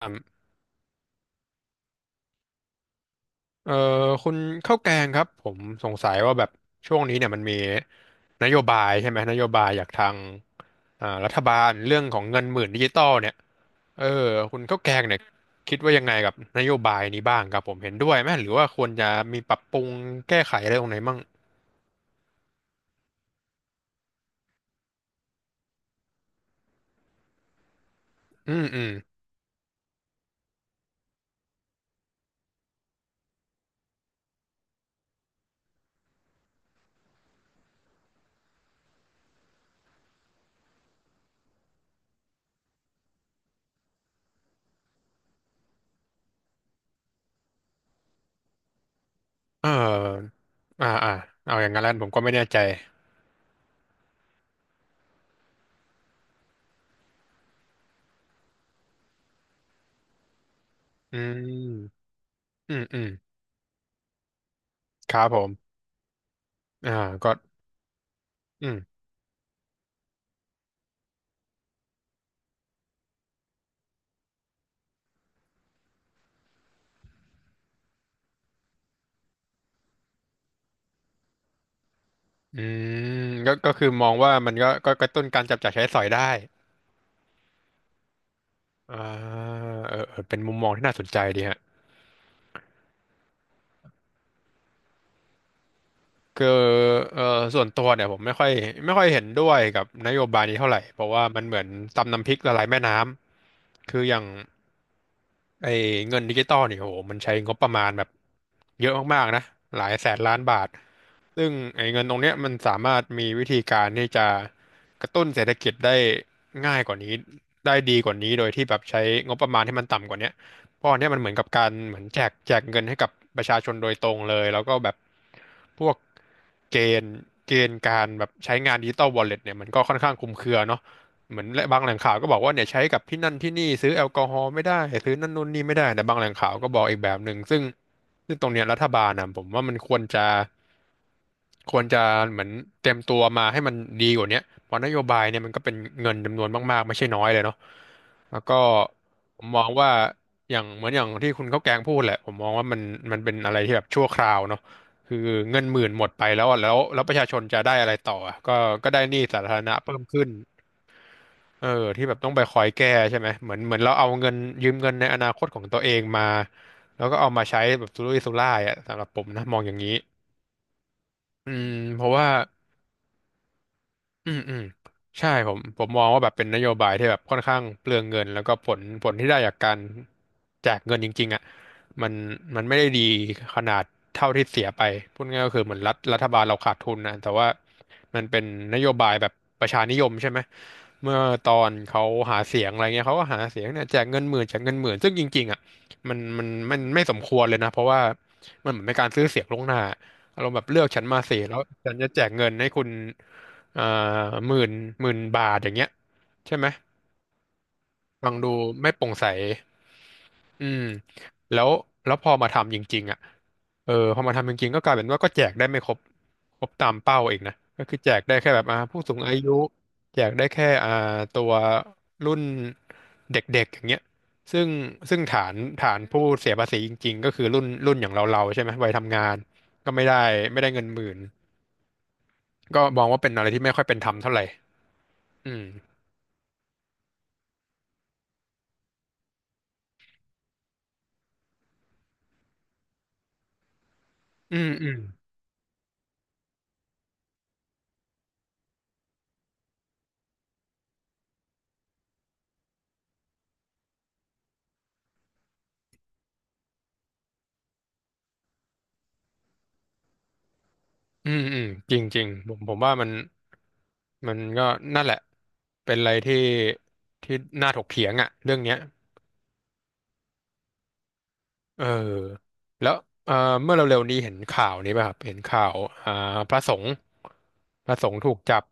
ครับเอ่อคุณข้าวแกงครับผมสงสัยว่าแบบช่วงนี้เนี่ยมันมีนโยบายใช่ไหมนโยบายจากทางรัฐบาลเรื่องของเงินหมื่นดิจิตอลเนี่ยเออคุณข้าวแกงเนี่ยคิดว่ายังไงกับนโยบายนี้บ้างครับผมเห็นด้วยไหมหรือว่าควรจะมีปรับปรุงแก้ไขอะไรตรงไหนมั่งอืมอืมเอออ่าอ่าเอาอย่างนั้นแล้วผมก็ไม่แน่ใจอืมอืมอืมครับผมอ่าก็ อืมก็คือมองว่ามันก็กระตุ้นการจับจ่ายใช้สอยได้อ่าเออเออเป็นมุมมองที่น่าสนใจดีฮะคือเออส่วนตัวเนี่ยผมไม่ค่อยเห็นด้วยกับนโยบายนี้เท่าไหร่เพราะว่ามันเหมือนตำน้ำพริกละลายแม่น้ำคืออย่าง ไอ้เงินดิจิตอลเนี่ยโหมันใช้งบประมาณแบบเยอะมากๆนะหลายแสนล้านบาทซึ่งไอ้เงินตรงเนี้ยมันสามารถมีวิธีการที่จะกระตุ้นเศรษฐกิจได้ง่ายกว่านี้ได้ดีกว่านี้โดยที่แบบใช้งบประมาณที่มันต่ำกว่าเนี้ยเพราะอันเนี้ยมันเหมือนกับการเหมือนแจกเงินให้กับประชาชนโดยตรงเลยแล้วก็แบบพวกเกณฑ์เกณฑ์การแบบใช้งานดิจิตอลวอลเล็ตเนี่ยมันก็ค่อนข้างคลุมเครือเนาะ เหมือนและบางแหล่งข่าวก็บอกว่าเนี่ยใช้กับที่นั่นที่นี่ซื้อแอลกอฮอล์ไม่ได้ ซื้อนั่นนู่นนี่ไม่ได้ แต่บางแหล่งข่าวก็บอกอีกแบบหนึ่งซึ่งตรงเนี้ยรัฐบาลนะผมว่ามันควรจะ ควรจะเหมือนเตรียมตัวมาให้มันดีกว่าเนี้ยเพราะนโยบายเนี่ยมันก็เป็นเงินจำนวนมากๆไม่ใช่น้อยเลยเนาะแล้วก็ผมมองว่าอย่างเหมือนอย่างที่คุณข้าวแกงพูดแหละผมมองว่ามันเป็นอะไรที่แบบชั่วคราวเนาะคือเงินหมื่นหมดไปแล้วอะแล้วประชาชนจะได้อะไรต่ออะก็ได้หนี้สาธารณะเพิ่มขึ้น เออที่แบบต้องไปคอยแก้ใช่ไหมเหมือนเราเอาเงินยืมเงินในอนาคตของตัวเองมาแล้วก็เอามาใช้แบบสุรุ่ยสุร่ายอ่ะสำหรับผมนะมองอย่างนี้อืมเพราะว่า อืมอืมใช่ผมมองว่าแบบเป็นนโยบายที่แบบค่อนข้างเปลืองเงินแล้วก็ผลที่ได้จากการแจกเงินจริงๆอ่ะมันมันไม่ได้ดีขนาดเท่าที่เสียไปพูดง่ายก็คือเหมือนรัฐบาลเราขาดทุนนะแต่ว่ามันเป็นนโยบายแบบประชานิยมใช่ไหมเมื่อตอนเขาหาเสียงอะไรเงี้ยเขาก็หาเสียงเนี่ยแจกเงินหมื่นแจกเงินหมื่นซึ่งจริงๆอ่ะมันไม่สมควรเลยนะเพราะว่ามันเหมือนเป็นการซื้อเสียงล่วงหน้า อารมณ์แบบเลือกฉันมาสิแล้วฉันจะแจกเงินให้คุณเอ่อหมื่นหมื่นบาทอย่างเงี้ยใช่ไหมฟังดูไม่โปร่งใสอืมแล้วแล้วพอมาทำจริงๆอ่ะเออพอมาทำจริงๆก็กลายเป็นว่าก็แจกได้ไม่ครบตามเป้าเองนะก็คือแจกได้แค่แบบผู้สูงอายุแจกได้แค่ตัวรุ่นเด็กๆอย่างเงี้ยซึ่งซึ่งฐานผู้เสียภาษีจริงๆก็คือรุ่นอย่างเราๆใช่ไหมวัยทำงานก็ไม่ได้เงินหมื่น ก็มองว่าเป็นอะไรที่ไม่ค่อยเป็นธรรมเท่าไหร่อืมอืมอืมอืมอืมจริงจริงผมว่ามันก็นั่นแหละเป็นอะไรที่ที่น่าถกเถียงอ่ะเรื่องเนี้ยเออแล้วเออเมื่อเร็วๆนี้เห็นข่าวนี้ป่ะครับเห็นข่าวอ่าพระสงฆ์พระสงฆ์ถูกจับ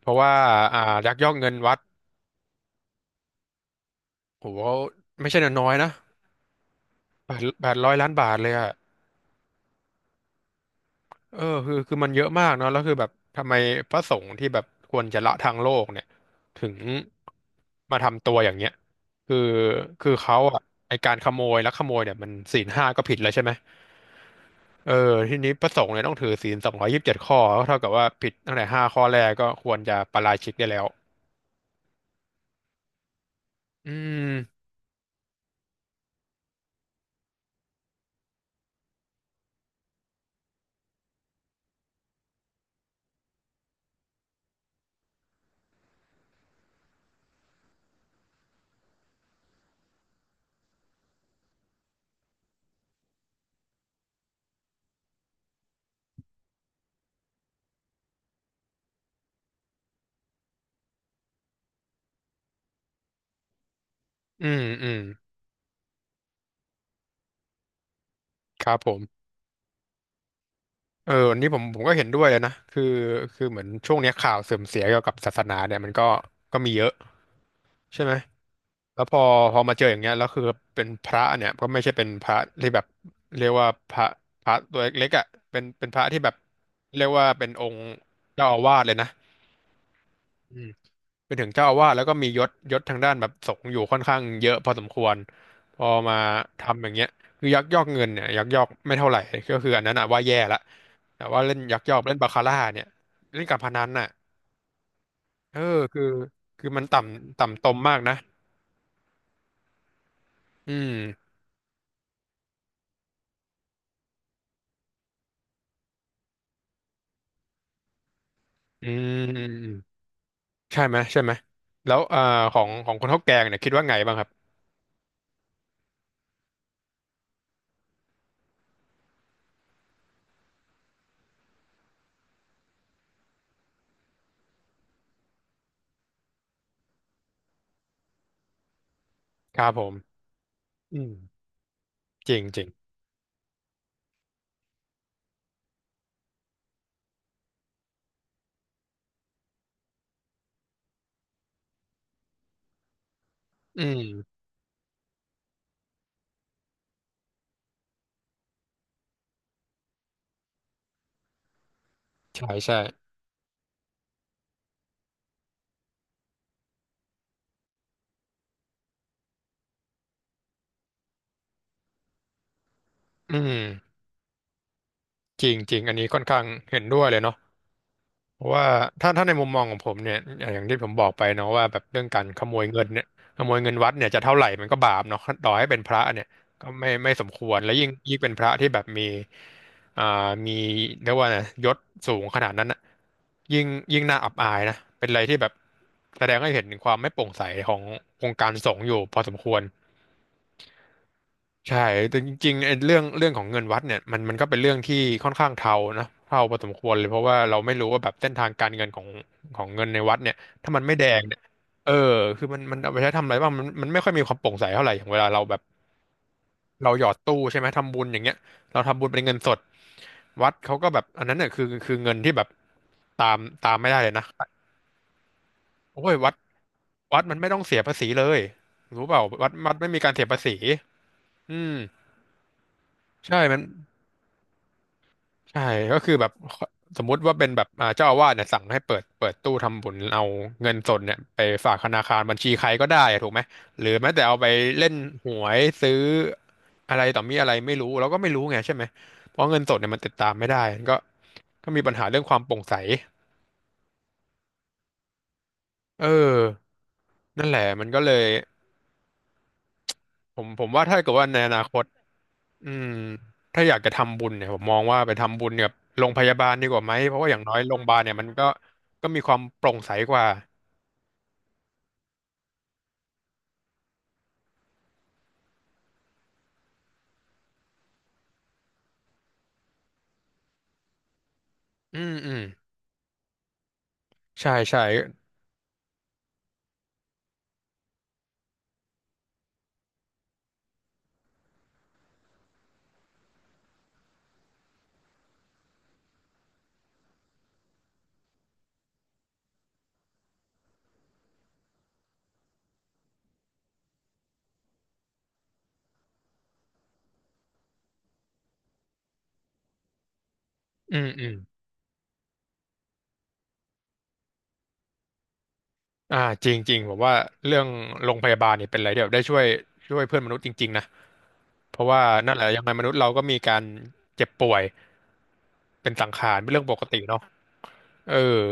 เพราะว่าอ่ายักยอกเงินวัดโหไม่ใช่น้อยๆนะแปดร้อยล้านบาทเลยอ่ะ คือมันเยอะมากเนาะแล้วคือแบบทำไมพระสงฆ์ที่แบบควรจะละทางโลกเนี่ยถึงมาทำตัวอย่างเงี้ยคือคือเขาอะไอการขโมยลักขโมยเนี่ยมันศีลห้าก็ผิดแล้วใช่ไหมเออทีนี้พระสงฆ์เนี่ยต้องถือศีล227 ข้อก็เท่ากับว่าผิดตั้งแต่ห้าข้อแรกก็ควรจะปาราชิกได้แล้วอืมอืมอืมครับผม เออวันนี้ผมก็เห็นด้วยนะคือเหมือนช่วงเนี้ยข่าวเสื่อมเสียเกี่ยวกับศาสนาเนี่ยมันก็มีเยอะใช่ไหมแล้วพอมาเจออย่างเงี้ยแล้วคือเป็นพระเนี่ยก็ไม่ใช่เป็นพระที่แบบเรียกว่าพระตัวเล็กๆอ่ะเป็นพระที่แบบเรียกว่าเป็นองค์เจ้าอาวาสเลยนะ เป็นถึงเจ้าอาวาสแล้วก็มียศทางด้านแบบสงฆ์อยู่ค่อนข้างเยอะพอสมควรพอมาทำอย่างเงี้ยคือยักยอกเงินเนี่ยยักยอกไม่เท่าไหร่ก็คืออันนั้นอะว่าแย่ละแต่ว่าเล่นยักยอกเล่นบาคาร่าเนี่ยเล่นการพนันน่ะเออคือคือมันต่ำตมมากนะอืมอืมอืมอืมใช่ไหมใช่ไหมแล้วของของคนเท้าแกงเนี่ยคิดว่าไงบ้างครับครับผมอืมจริงจริงอืมใช่ใช่อืมจริงจริงอันนี้ค่อนข้างเห็นด้วยเลยเนาะ เพราะว่าถ้าในมุมมองของผมเนี่ยอย่างที่ผมบอกไปเนาะว่าแบบเรื่องการขโมยเงินเนี่ยขโมยเงินวัดเนี่ยจะเท่าไหร่มันก็บาปเนาะต่อให้เป็นพระเนี่ยก็ไม่สมควรและยิ่งเป็นพระที่แบบมีอ่ามีเรียกว่าไงยศสูงขนาดนั้นอะยิ่งยิ่งน่าอับอายนะเป็นอะไรที่แบบแสดงให้เห็นถึงความไม่โปร่งใสขององค์การสงฆ์อยู่พอสมควร ใช่แต่จริงๆไอ้เรื่องของเงินวัดเนี่ยมันก็เป็นเรื่องที่ค่อนข้างเทานะเทาพอสมควรเลยเพราะว่าเราไม่รู้ว่าแบบเส้นทางการเงินของของเงินในวัดเนี่ยถ้ามันไม่แดงเนี่ยเออคือมันเอาไปใช้ทำอะไรบ้างมันไม่ค่อยมีความโปร่งใสเท่าไหร่อย่างเวลาเราแบบเราหยอดตู้ใช่ไหมทำบุญอย่างเงี้ยเราทำบุญเป็นเงินสดวัดเขาก็แบบอันนั้นเนี่ยคือเงินที่แบบตามไม่ได้เลยนะโอ้ยวัดมันไม่ต้องเสียภาษีเลยรู้เปล่าวัดไม่มีการเสียภาษีอืมใช่มัน ใช่ก็คือแบบสมมุติว่าเป็นแบบอ่าเจ้าอาวาสเนี่ยสั่งให้เปิดตู้ทำบุญเอาเงินสดเนี่ยไปฝากธนาคารบัญชีใครก็ได้อะถูกไหมหรือแม้แต่เอาไปเล่นหวยซื้ออะไรต่อมีอะไรไม่รู้เราก็ไม่รู้ไงใช่ไหมเพราะเงินสดเนี่ยมันติดตามไม่ได้ก็ก็มีปัญหาเรื่องความโปร่งใสเออนั่นแหละมันก็เลยผมว่าถ้าเกิดว่าในอนาคตอืมถ้าอยากจะทำบุญเนี่ยผมมองว่าไปทำบุญกับโรงพยาบาลดีกว่าไหมเพราะว่าอย่างน้อยโรงพยาบาลเนี่ยมันก็มีความโปร่งใสกว่า อืมอืมใช่ใช่อืมอืมอ่าจริงจริงผมว่าเรื่องโรงพยาบาลเนี่ยเป็นอะไรที่แบบได้ช่วยเพื่อนมนุษย์จริงๆนะเพราะว่านั่นแหละยังไงมนุษย์เราก็มีการเจ็บป่วยเป็นสังขารเป็นเรื่องปกติเนาะเออ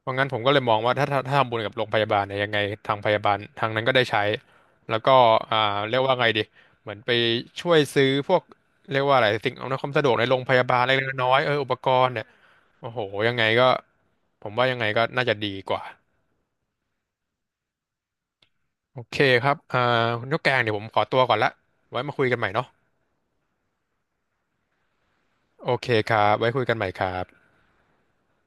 เพราะงั้นผมก็เลยมองว่าถ้าทำบุญกับโรงพยาบาลเนี่ยยังไงทางพยาบาลทางนั้นก็ได้ใช้แล้วก็อ่าเรียกว่าไงดีเหมือนไปช่วยซื้อพวกเรียกว่าอะไรสิ่งอำนวยความสะดวกในโรงพยาบาลเล็กๆน้อยๆเอออุปกรณ์เนี่ย โอ้โหยังไงก็ผมว่ายังไงก็น่าจะดีกว่าโอเคครับอ่าคุณนกแกงเดี๋ยวผมขอตัวก่อนละไว้มาคุยกันใหม่เนาะโอเคครับไว้คุยกันใหม่ครับ